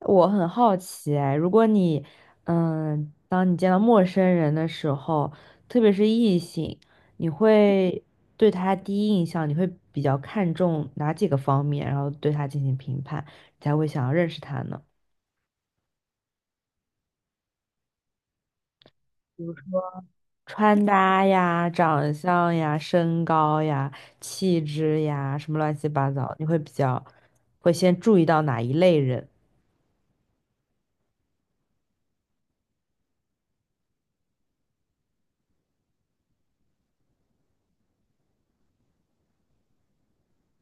我很好奇哎，如果你，当你见到陌生人的时候，特别是异性，你会对他第一印象，你会比较看重哪几个方面，然后对他进行评判，才会想要认识他呢？比如说穿搭呀、长相呀、身高呀、气质呀，什么乱七八糟，你会比较会先注意到哪一类人？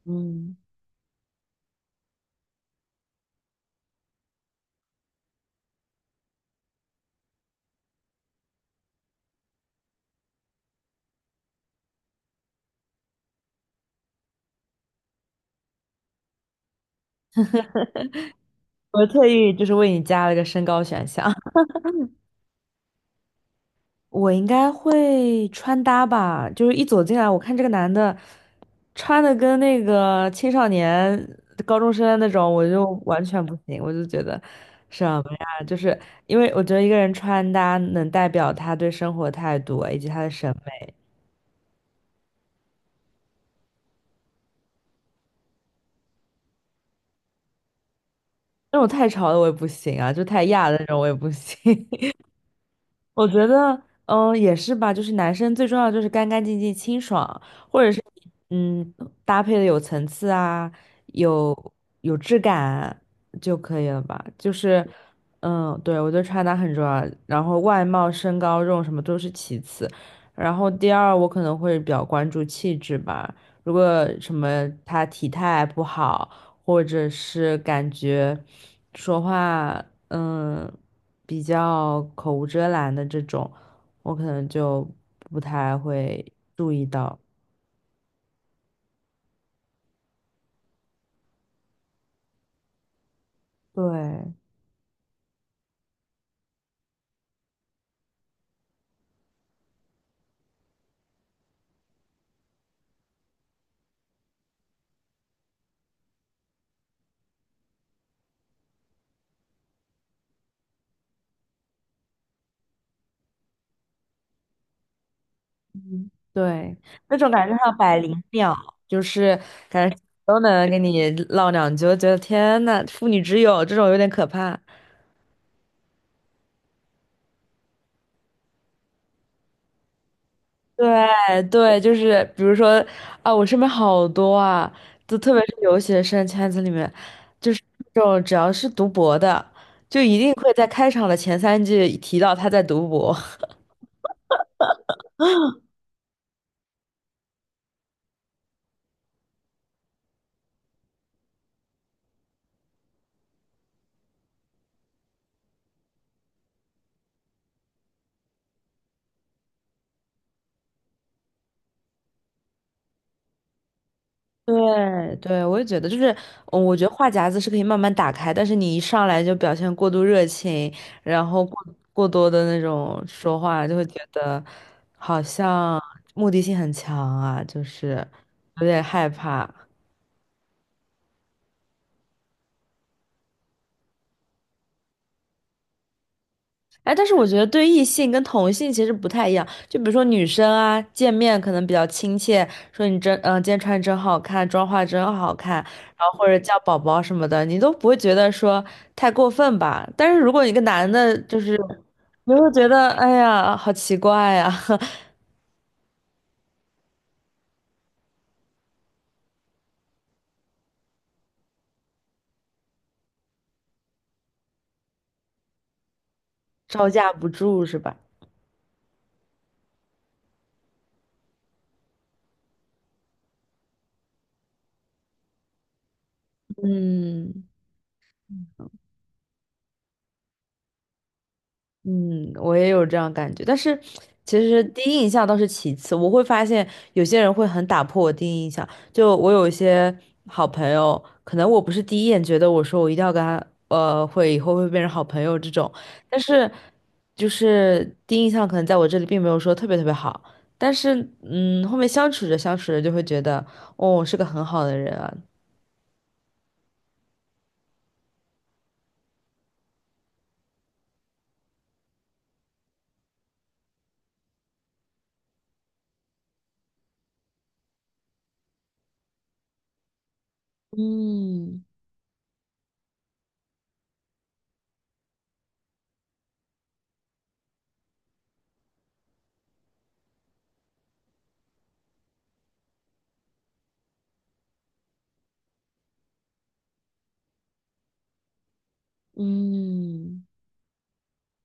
嗯，我特意就是为你加了个身高选项。我应该会穿搭吧，就是一走进来，我看这个男的穿的跟那个青少年、高中生那种，我就完全不行，我就觉得什么呀？就是因为我觉得一个人穿搭能代表他对生活态度啊以及他的审美，那种太潮的我也不行啊，就太亚的那种我也不行。我觉得，也是吧，就是男生最重要的就是干干净净、清爽，或者是嗯，搭配的有层次啊，有有质感就可以了吧。就是，嗯，对，我觉得穿搭很重要，然后外貌、身高、这种什么都是其次，然后第二我可能会比较关注气质吧。如果什么他体态不好，或者是感觉说话，比较口无遮拦的这种，我可能就不太会注意到。对嗯，对，那种感觉像百灵鸟，就是感觉都能跟你唠两句，我觉得天呐，妇女之友这种有点可怕。对对，就是比如说啊，我身边好多啊，就特别是留学生圈子里面，就是这种只要是读博的，就一定会在开场的前三句提到他在读博。对对，我也觉得，就是，我觉得话匣子是可以慢慢打开，但是你一上来就表现过度热情，然后过多的那种说话，就会觉得好像目的性很强啊，就是有点害怕。哎，但是我觉得对异性跟同性其实不太一样。就比如说女生啊，见面可能比较亲切，说你真，今天穿得真好看，妆化得真好看，然后或者叫宝宝什么的，你都不会觉得说太过分吧？但是如果一个男的，就是你会觉得，哎呀，好奇怪呀、招架不住是吧？嗯。嗯，我也有这样感觉，但是其实第一印象倒是其次。我会发现有些人会很打破我第一印象，就我有一些好朋友，可能我不是第一眼觉得我说我一定要跟他，会以后会变成好朋友这种，但是就是第一印象可能在我这里并没有说特别特别好，但是嗯，后面相处着相处着就会觉得，哦，是个很好的人啊。嗯嗯，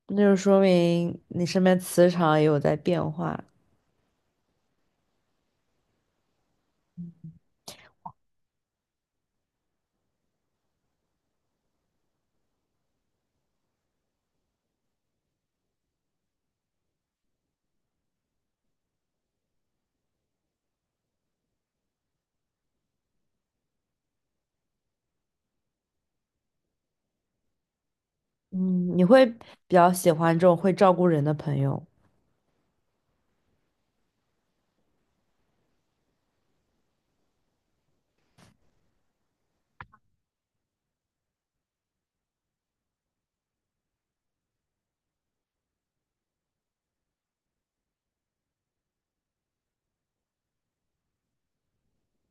那就说明你身边磁场也有在变化。嗯，你会比较喜欢这种会照顾人的朋友，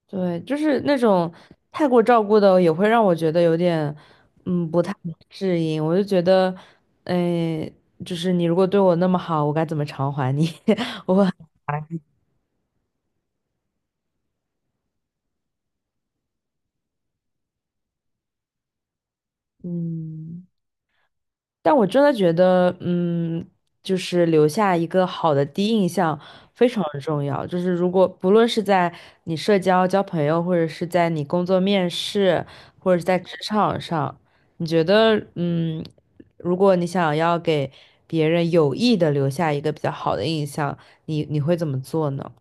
对，就是那种太过照顾的，也会让我觉得有点，嗯，不太适应。我就觉得，哎，就是你如果对我那么好，我该怎么偿还你？我，嗯。但我真的觉得，嗯，就是留下一个好的第一印象非常重要。就是如果不论是在你社交、交朋友，或者是在你工作面试，或者是在职场上，你觉得，嗯，如果你想要给别人有意的留下一个比较好的印象，你会怎么做呢？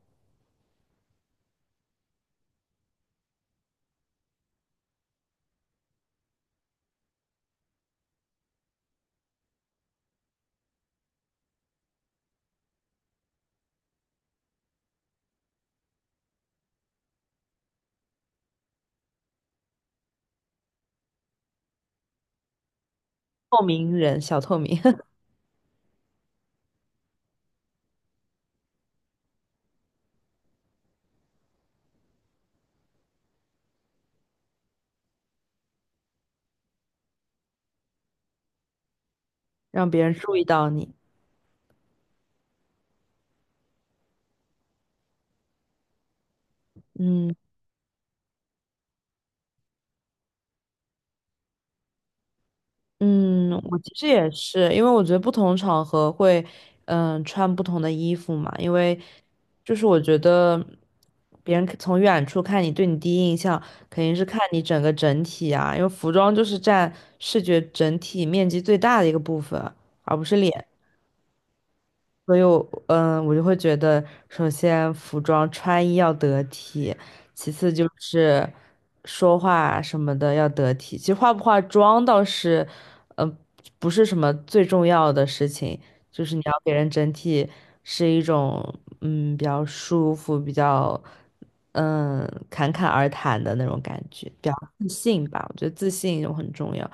透明人，小透明，让别人注意到你。嗯。嗯，我其实也是，因为我觉得不同场合会，穿不同的衣服嘛。因为就是我觉得别人从远处看你，对你第一印象肯定是看你整个整体啊，因为服装就是占视觉整体面积最大的一个部分，而不是脸。所以我，嗯，我就会觉得，首先服装穿衣要得体，其次就是说话什么的要得体。其实化不化妆倒是，嗯，不是什么最重要的事情，就是你要给人整体是一种，嗯，比较舒服、比较，嗯，侃侃而谈的那种感觉，比较自信吧。我觉得自信就很重要。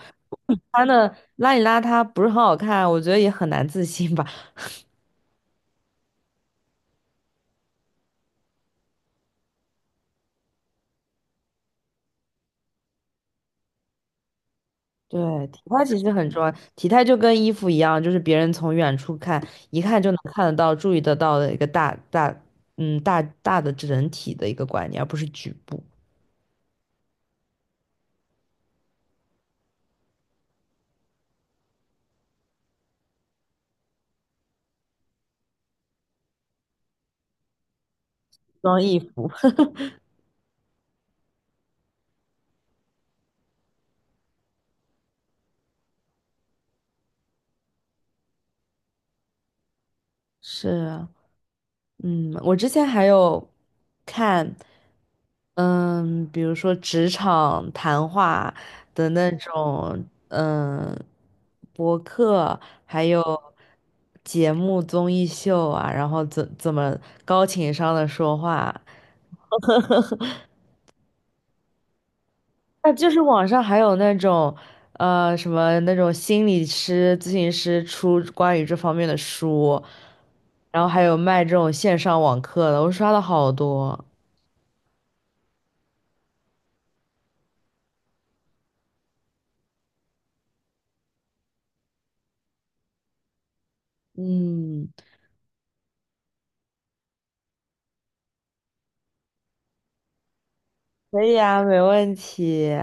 穿的邋里邋遢不是很好看，我觉得也很难自信吧。对，体态其实很重要，体态就跟衣服一样，就是别人从远处看，一看就能看得到、注意得到的一个大大，嗯，大大的整体的一个观念，而不是局部。装衣服。是啊，嗯，我之前还有看，嗯，比如说职场谈话的那种，嗯，博客，还有节目综艺秀啊，然后怎么高情商的说话，那就是网上还有那种，什么那种心理师、咨询师出关于这方面的书，然后还有卖这种线上网课的，我刷了好多。嗯，可以啊，没问题。